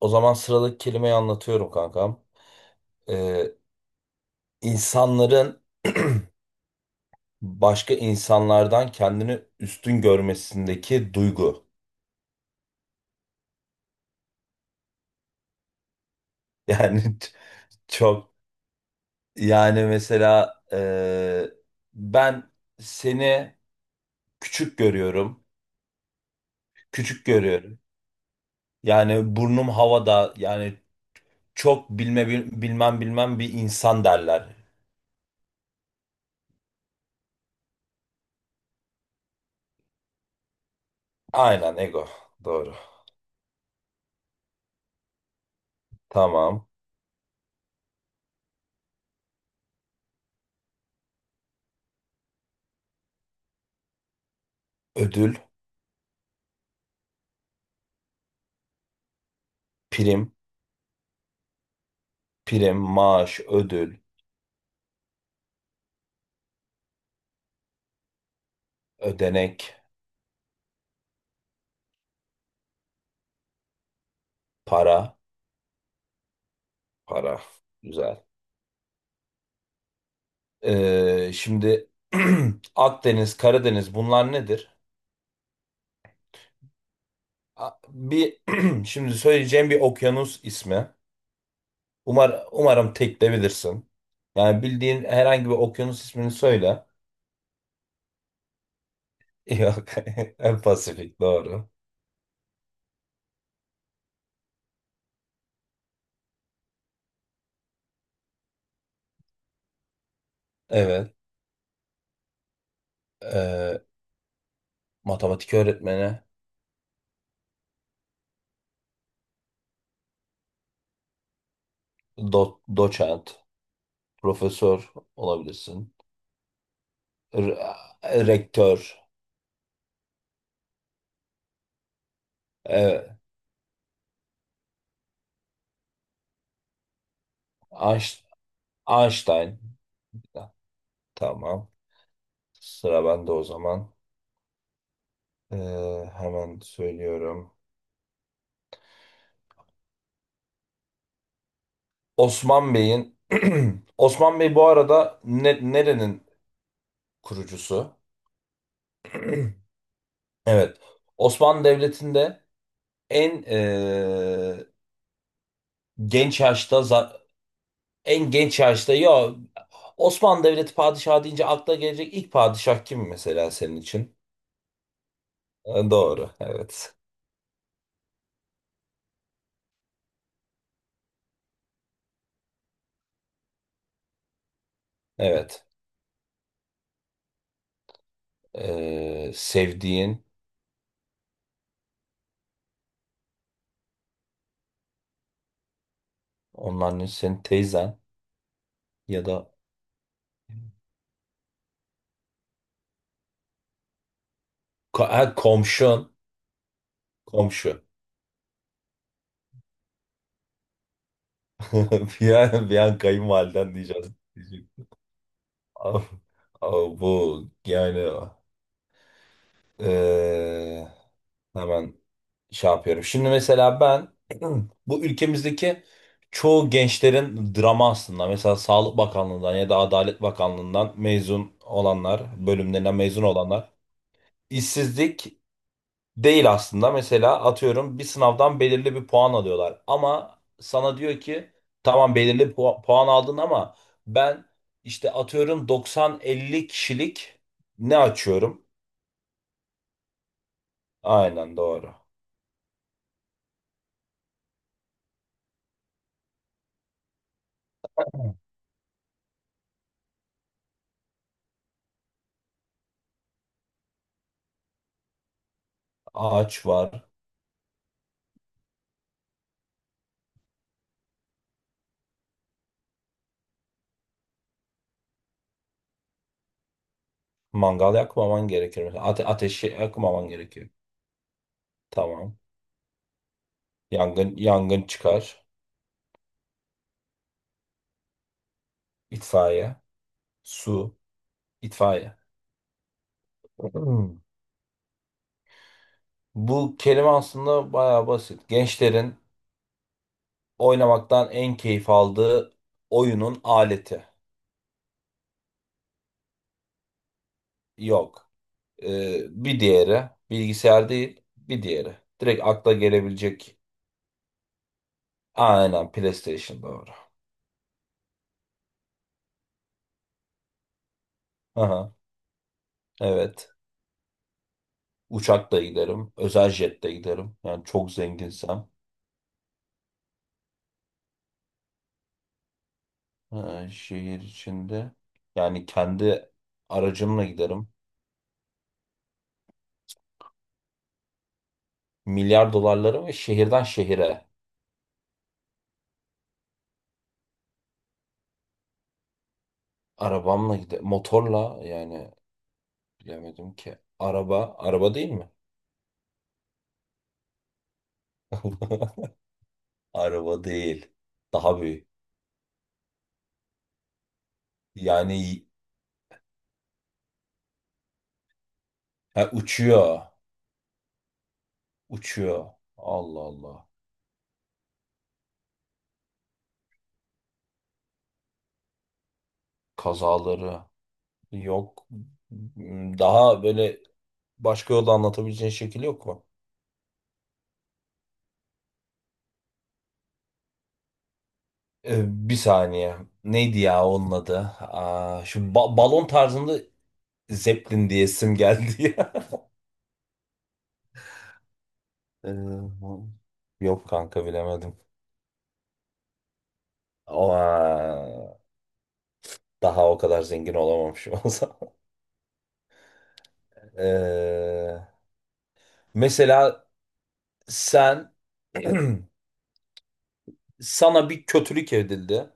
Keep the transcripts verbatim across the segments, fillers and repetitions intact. O zaman sıradaki kelimeyi anlatıyorum kankam. Ee, insanların başka insanlardan kendini üstün görmesindeki duygu. Yani ç- çok yani mesela e, ben seni küçük görüyorum. Küçük görüyorum. Yani burnum havada yani çok bilme bil- bilmem bilmem bir insan derler. Aynen ego. Doğru. Tamam. Ödül, prim, prim, maaş, ödül, ödenek. Para, para. Güzel. Ee, şimdi Akdeniz, Karadeniz bunlar nedir? A- Bir şimdi söyleyeceğim bir okyanus ismi. Umar, umarım tek de bilirsin. Yani bildiğin herhangi bir okyanus ismini söyle. Yok. Pasifik doğru. Evet. Ee, Matematik öğretmeni, do- doçent, profesör olabilirsin. R- rektör, evet. Einst- Einstein. Tamam. Sıra bende o zaman. Ee, Hemen söylüyorum. Osman Bey'in Osman Bey bu arada ne- nerenin kurucusu? Evet. Osmanlı Devleti'nde en e, genç yaşta za- en genç yaşta ya Osmanlı Devleti padişahı deyince akla gelecek ilk padişah kim mesela senin için? E, Doğru. Evet. Evet. E, sevdiğin onun annesi senin teyzen ya da Ko- ha, komşun. Komşu. Bir an, bir an kayınvaliden diyeceğiz. Diyecek. Ama- Ama bu yani eee, hemen şey yapıyorum. Şimdi mesela ben bu ülkemizdeki çoğu gençlerin drama aslında. Mesela Sağlık Bakanlığı'ndan ya da Adalet Bakanlığı'ndan mezun olanlar, bölümlerinden mezun olanlar. İşsizlik değil aslında. Mesela atıyorum bir sınavdan belirli bir puan alıyorlar. Ama sana diyor ki tamam belirli pu- puan aldın ama ben işte atıyorum doksan elli kişilik ne açıyorum? Aynen doğru. Ağaç var. Mangal yakmaman gerekir. Mesela ate ateşi yakmaman gerekiyor. Tamam. Yangın yangın çıkar. İtfaiye. Su. İtfaiye. Hmm. Bu kelime aslında bayağı basit. Gençlerin oynamaktan en keyif aldığı oyunun aleti yok. Ee, Bir diğeri bilgisayar değil, bir diğeri. Direkt akla gelebilecek. Aynen PlayStation doğru. Aha, evet. Uçakla giderim, özel jetle giderim. Yani çok zenginsem Ee, şehir içinde. Yani kendi aracımla giderim. Milyar dolarlarım ve şehirden şehire arabamla giderim. Motorla yani bilemedim ki. Araba, araba değil mi? Araba değil. Daha büyük. Yani ha, uçuyor. Uçuyor. Allah Allah. Kazaları yok. Daha böyle başka yolda anlatabileceğin şekil yok mu? Ee, bir saniye. Neydi ya onun adı? Aa, şu ba- balon tarzında Zeppelin diye isim geldi ya. Ee, Yok kanka bilemedim. Ama daha o kadar zengin olamamışım o zaman. Ee, Mesela sen sana bir kötülük edildi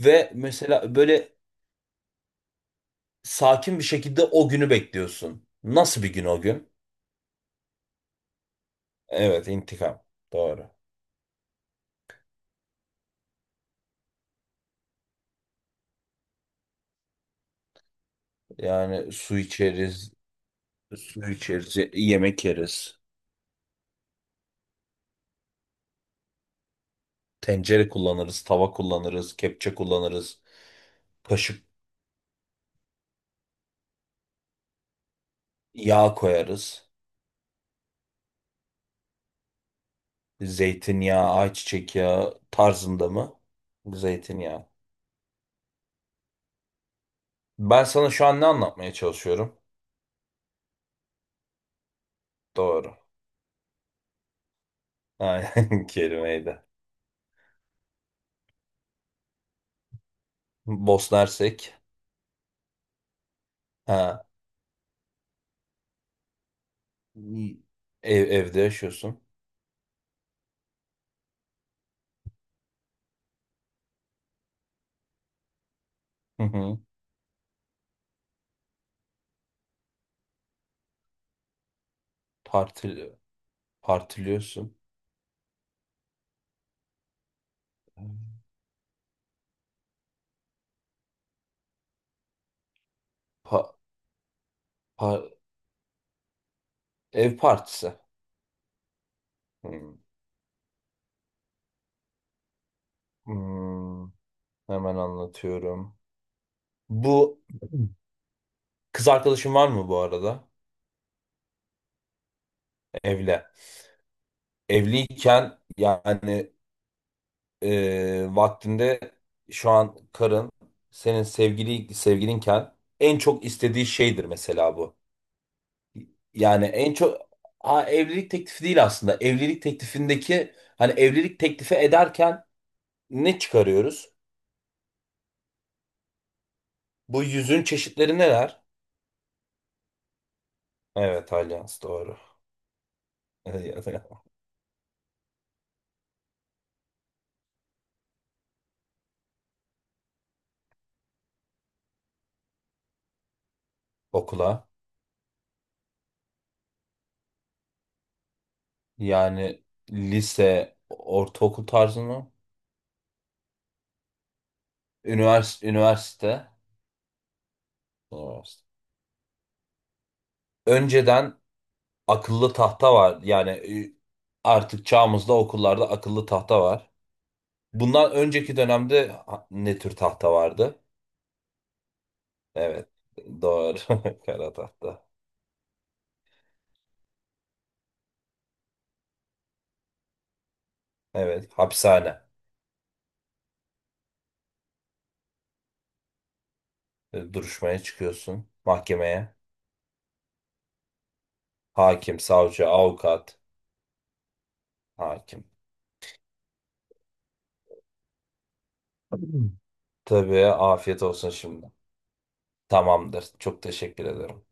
ve mesela böyle sakin bir şekilde o günü bekliyorsun. Nasıl bir gün o gün? Evet, intikam. Doğru. Yani su içeriz, su içeriz, yemek yeriz, tencere kullanırız, tava kullanırız, kepçe kullanırız, kaşık yağ koyarız. Zeytinyağı, ayçiçek yağı tarzında mı? Zeytinyağı. Ben sana şu an ne anlatmaya çalışıyorum? Doğru. Aynen kelimeydi. Bosna Hersek. Ha. İyi. Ev, evde yaşıyorsun. Hı hı. Parti, Partiliyorsun. Pa- pa- Ev partisi. Hmm. Hmm. Hemen anlatıyorum. Bu kız arkadaşın var mı bu arada? Evli. Evliyken yani e, vaktinde şu an karın senin sevgili sevgilinken en çok istediği şeydir mesela bu. Yani en çok ha, evlilik teklifi değil aslında. Evlilik teklifindeki hani evlilik teklifi ederken ne çıkarıyoruz? Bu yüzün çeşitleri neler? Evet, alyans doğru. Okula. Yani lise, ortaokul tarzı mı? Ünivers üniversite. Üniversite. Önceden akıllı tahta var. Yani e, artık çağımızda okullarda akıllı tahta var. Bundan önceki dönemde ha- ne tür tahta vardı? Evet. Doğru. Kara tahta. Evet. Hapishane. E, Duruşmaya çıkıyorsun. Mahkemeye. Hakim, savcı, avukat. Hakim. Tabii afiyet olsun şimdi. Tamamdır. Çok teşekkür ederim.